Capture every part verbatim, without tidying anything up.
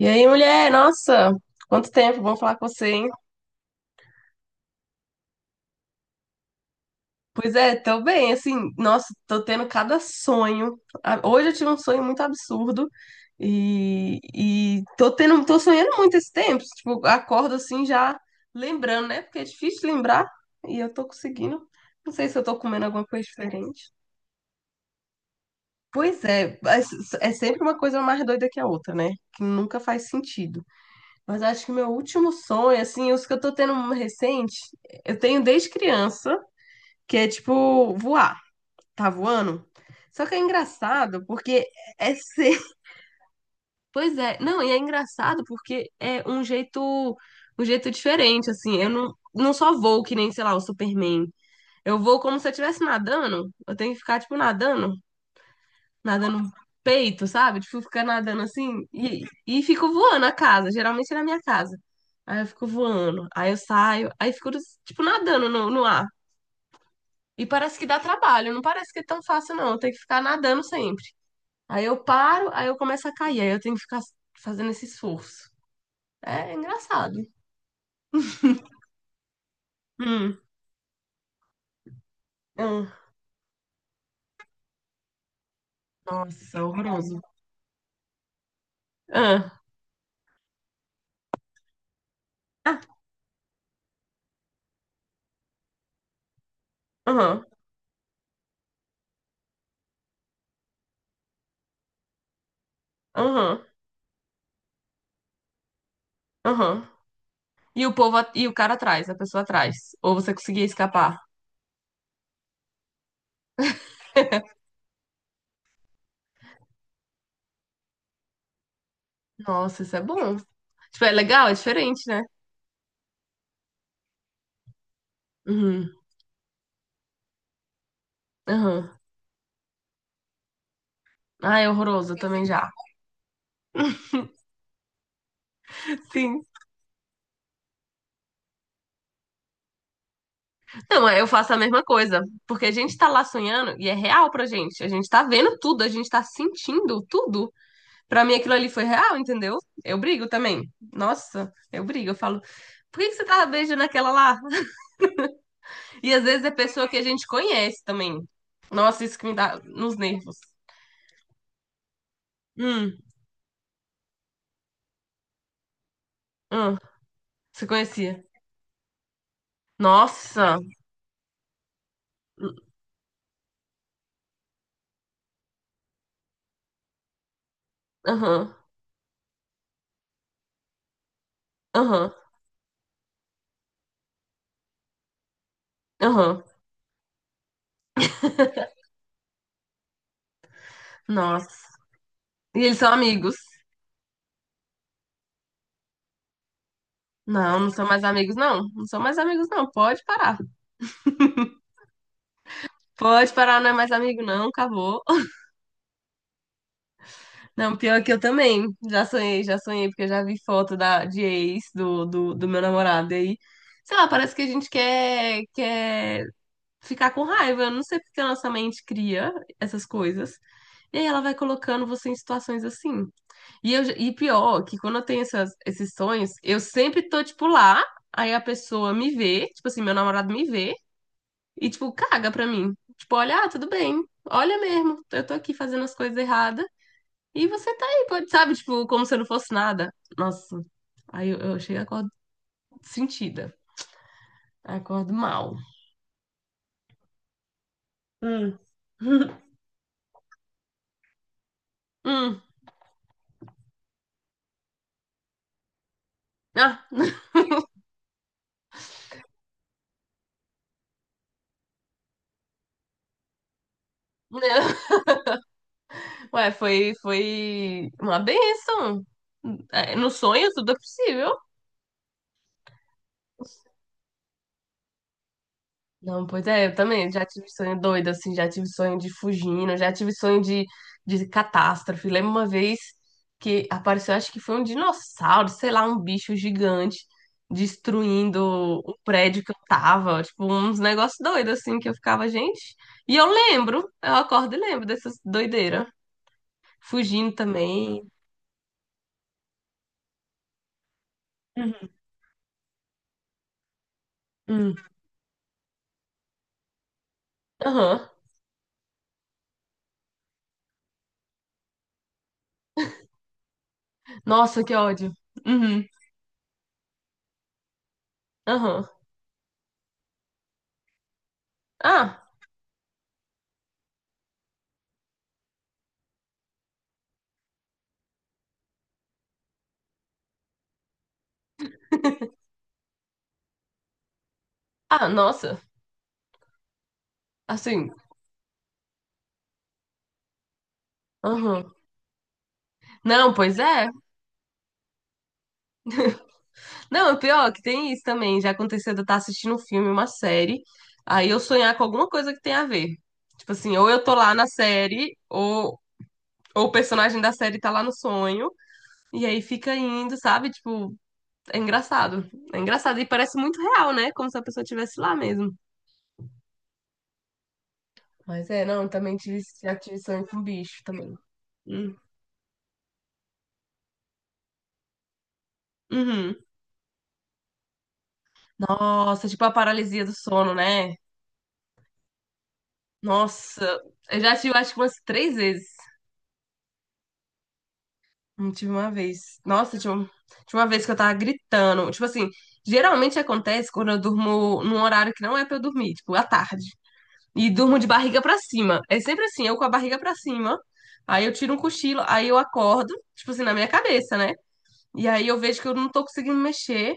E aí, mulher, nossa, quanto tempo, bom falar com você, hein? Pois é, tô bem, assim, nossa, tô tendo cada sonho. Ah, hoje eu tive um sonho muito absurdo e, e tô tendo, tô sonhando muito esse tempo, tipo, acordo assim já lembrando, né? Porque é difícil lembrar e eu tô conseguindo. Não sei se eu tô comendo alguma coisa diferente. Pois é, mas é sempre uma coisa mais doida que a outra, né? Que nunca faz sentido. Mas acho que meu último sonho, assim, os que eu tô tendo um recente, eu tenho desde criança, que é tipo voar, tá voando. Só que é engraçado porque é ser. Pois é, não, e é engraçado porque é um jeito, um jeito diferente, assim. Eu não, não só vou que nem, sei lá, o Superman. Eu vou como se eu estivesse nadando. Eu tenho que ficar, tipo, nadando. Nadando no peito, sabe? Tipo, fica nadando assim e, e fico voando a casa, geralmente é na minha casa. Aí eu fico voando, aí eu saio, aí fico, tipo, nadando no, no ar. E parece que dá trabalho, não parece que é tão fácil, não. Eu tenho que ficar nadando sempre. Aí eu paro, aí eu começo a cair, aí eu tenho que ficar fazendo esse esforço. É engraçado. Hum, hum. Nossa, horroroso. Ah, ah, aham, aham, aham. E o povo, a- e o cara atrás, a pessoa atrás. Ou você conseguia escapar. Nossa, isso é bom. Tipo, é legal, é diferente, né? Uhum, uhum. Ah, é horroroso, eu também já. Sim. Não, é, eu faço a mesma coisa. Porque a gente tá lá sonhando e é real pra gente. A gente tá vendo tudo, a gente tá sentindo tudo. Pra mim aquilo ali foi real, entendeu? Eu brigo também. Nossa, eu brigo. Eu falo, por que que você tava beijando aquela lá? E às vezes é pessoa que a gente conhece também. Nossa, isso que me dá nos nervos. Hum, hum, você conhecia. Nossa. Aham, aham, aham. Nossa. E eles são amigos. Não, não são mais amigos, não. Não são mais amigos, não. Pode parar. Pode parar, não é mais amigo, não. Acabou. Não, pior que eu também. Já sonhei, já sonhei, porque eu já vi foto da, de ex do, do, do meu namorado. E aí, sei lá, parece que a gente quer, quer ficar com raiva. Eu não sei porque a nossa mente cria essas coisas. E aí ela vai colocando você em situações assim. E, eu, e pior, que quando eu tenho essas, esses sonhos, eu sempre tô, tipo, lá. Aí a pessoa me vê, tipo assim, meu namorado me vê. E, tipo, caga pra mim. Tipo, olha, ah, tudo bem. Olha mesmo, eu tô aqui fazendo as coisas erradas. E você tá aí, pode, sabe? Tipo, como se eu não fosse nada. Nossa. Aí eu, eu chego e acordo sentida. Acordo mal. Hum. Hum. Ah, Ué, foi, foi uma benção. É, no sonho tudo é possível. Não, pois é, eu também já tive sonho doido, assim, já tive sonho de fugindo, já tive sonho de, de catástrofe. Lembro uma vez que apareceu, acho que foi um dinossauro, sei lá, um bicho gigante destruindo o prédio que eu tava, tipo, uns negócios doidos, assim, que eu ficava, gente. E eu lembro, eu acordo e lembro dessas doideiras. Fugindo também. Uhum. Hum, aham. Nossa, que ódio. Uhum. Aham. Ah, ah, nossa, assim, aham. Não, pois é. Não, o pior é que tem isso também. Já aconteceu de eu estar assistindo um filme, uma série, aí eu sonhar com alguma coisa que tem a ver. Tipo assim, ou eu tô lá na série, ou, ou o personagem da série tá lá no sonho, e aí fica indo, sabe? Tipo, é engraçado. É engraçado e parece muito real, né? Como se a pessoa estivesse lá mesmo. Mas é, não, também tive, já tive sonho com bicho também. Hum. Uhum. Nossa, tipo a paralisia do sono, né? Nossa, eu já tive acho que umas três vezes. Hum, Tive uma vez. Nossa, tinha um- tinha uma vez que eu tava gritando. Tipo assim, geralmente acontece quando eu durmo num horário que não é pra eu dormir, tipo, à tarde. E durmo de barriga pra cima. É sempre assim, eu com a barriga pra cima. Aí eu tiro um cochilo, aí eu acordo, tipo assim, na minha cabeça, né? E aí eu vejo que eu não tô conseguindo me mexer.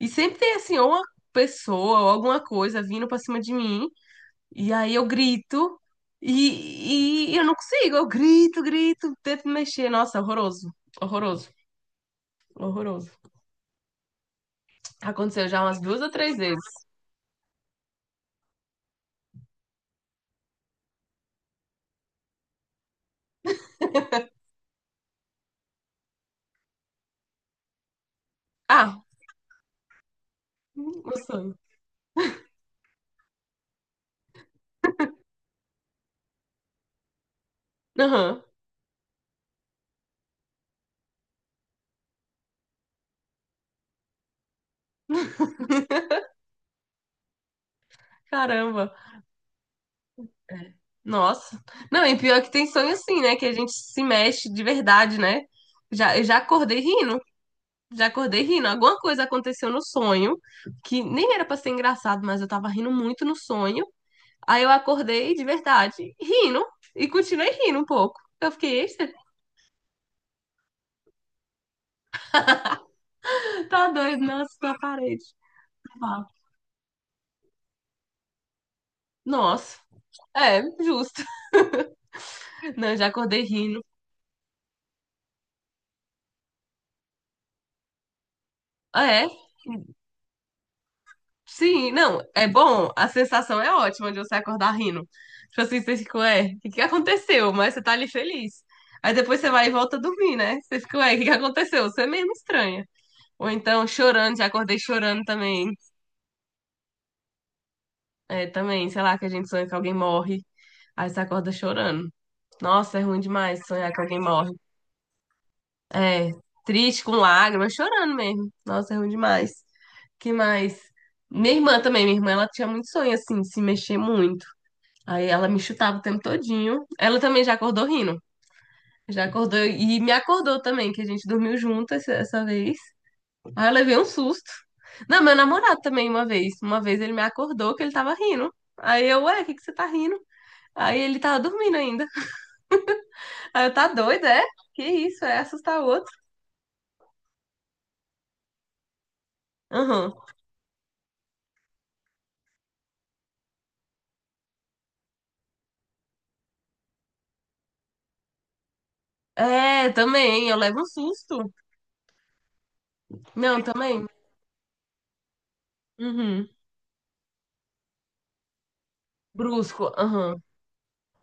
E sempre tem assim, ou uma pessoa ou alguma coisa vindo pra cima de mim. E aí eu grito. E, e eu não consigo, eu grito, grito, tento me mexer. Nossa, horroroso, horroroso. Horroroso. Aconteceu já umas duas ou três vezes. Ah, o sonho. Aham. Caramba. É. Nossa. Não, e pior que tem sonho assim, né? Que a gente se mexe de verdade, né? Já, eu já acordei rindo. Já acordei rindo. Alguma coisa aconteceu no sonho que nem era pra ser engraçado, mas eu tava rindo muito no sonho. Aí eu acordei de verdade, rindo. E continuei rindo um pouco. Eu fiquei, "Eita, tá doido, nossa, com a parede. Nossa. É, justo. Não, eu já acordei rindo. É, sim, não, é bom, a sensação é ótima de você acordar rindo. Tipo assim, você fica, ué, o que que aconteceu? Mas você tá ali feliz. Aí depois você vai e volta a dormir, né? Você fica, ué, o que que aconteceu? Você é mesmo estranha. Ou então chorando, já acordei chorando também. É, também, sei lá, que a gente sonha que alguém morre, aí você acorda chorando. Nossa, é ruim demais sonhar que alguém morre. É, triste, com lágrimas, chorando mesmo. Nossa, é ruim demais. Que mais? Minha irmã também, minha irmã, ela tinha muito sonho assim, de se mexer muito. Aí ela me chutava o tempo todinho. Ela também já acordou rindo. Já acordou e me acordou também, que a gente dormiu junto essa, essa vez. Aí eu levei um susto. Não, meu namorado também uma vez. Uma vez ele me acordou que ele tava rindo. Aí eu, ué, o que que você tá rindo? Aí ele tava dormindo ainda. Aí eu, tá doido, é? Que isso, é assustar o outro. Aham. É, também, eu levo um susto. Não, também. Uhum. Brusco, aham.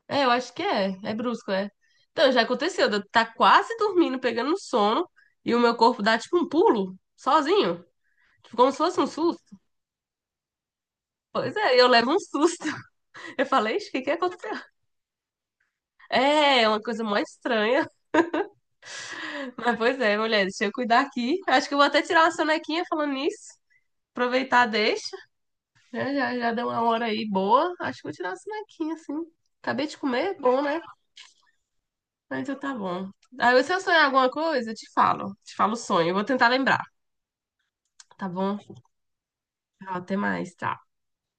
É, eu acho que é. É brusco, é. Então, já aconteceu. De eu tá quase dormindo, pegando um sono, e o meu corpo dá tipo um pulo, sozinho. Tipo, como se fosse um susto. Pois é, eu levo um susto. Eu falei, "Ixi, o que que aconteceu? É, é uma coisa mó estranha. Mas, pois é, mulher, deixa eu cuidar aqui. Acho que eu vou até tirar uma sonequinha falando nisso. Aproveitar, deixa. Já, já, já deu uma hora aí boa. Acho que vou tirar uma sonequinha, assim. Acabei de comer, é bom, né? Mas então tá bom. Aí, se eu sonhar alguma coisa, eu te falo. Te falo o sonho. Eu vou tentar lembrar. Tá bom? Tchau, até mais. Tá.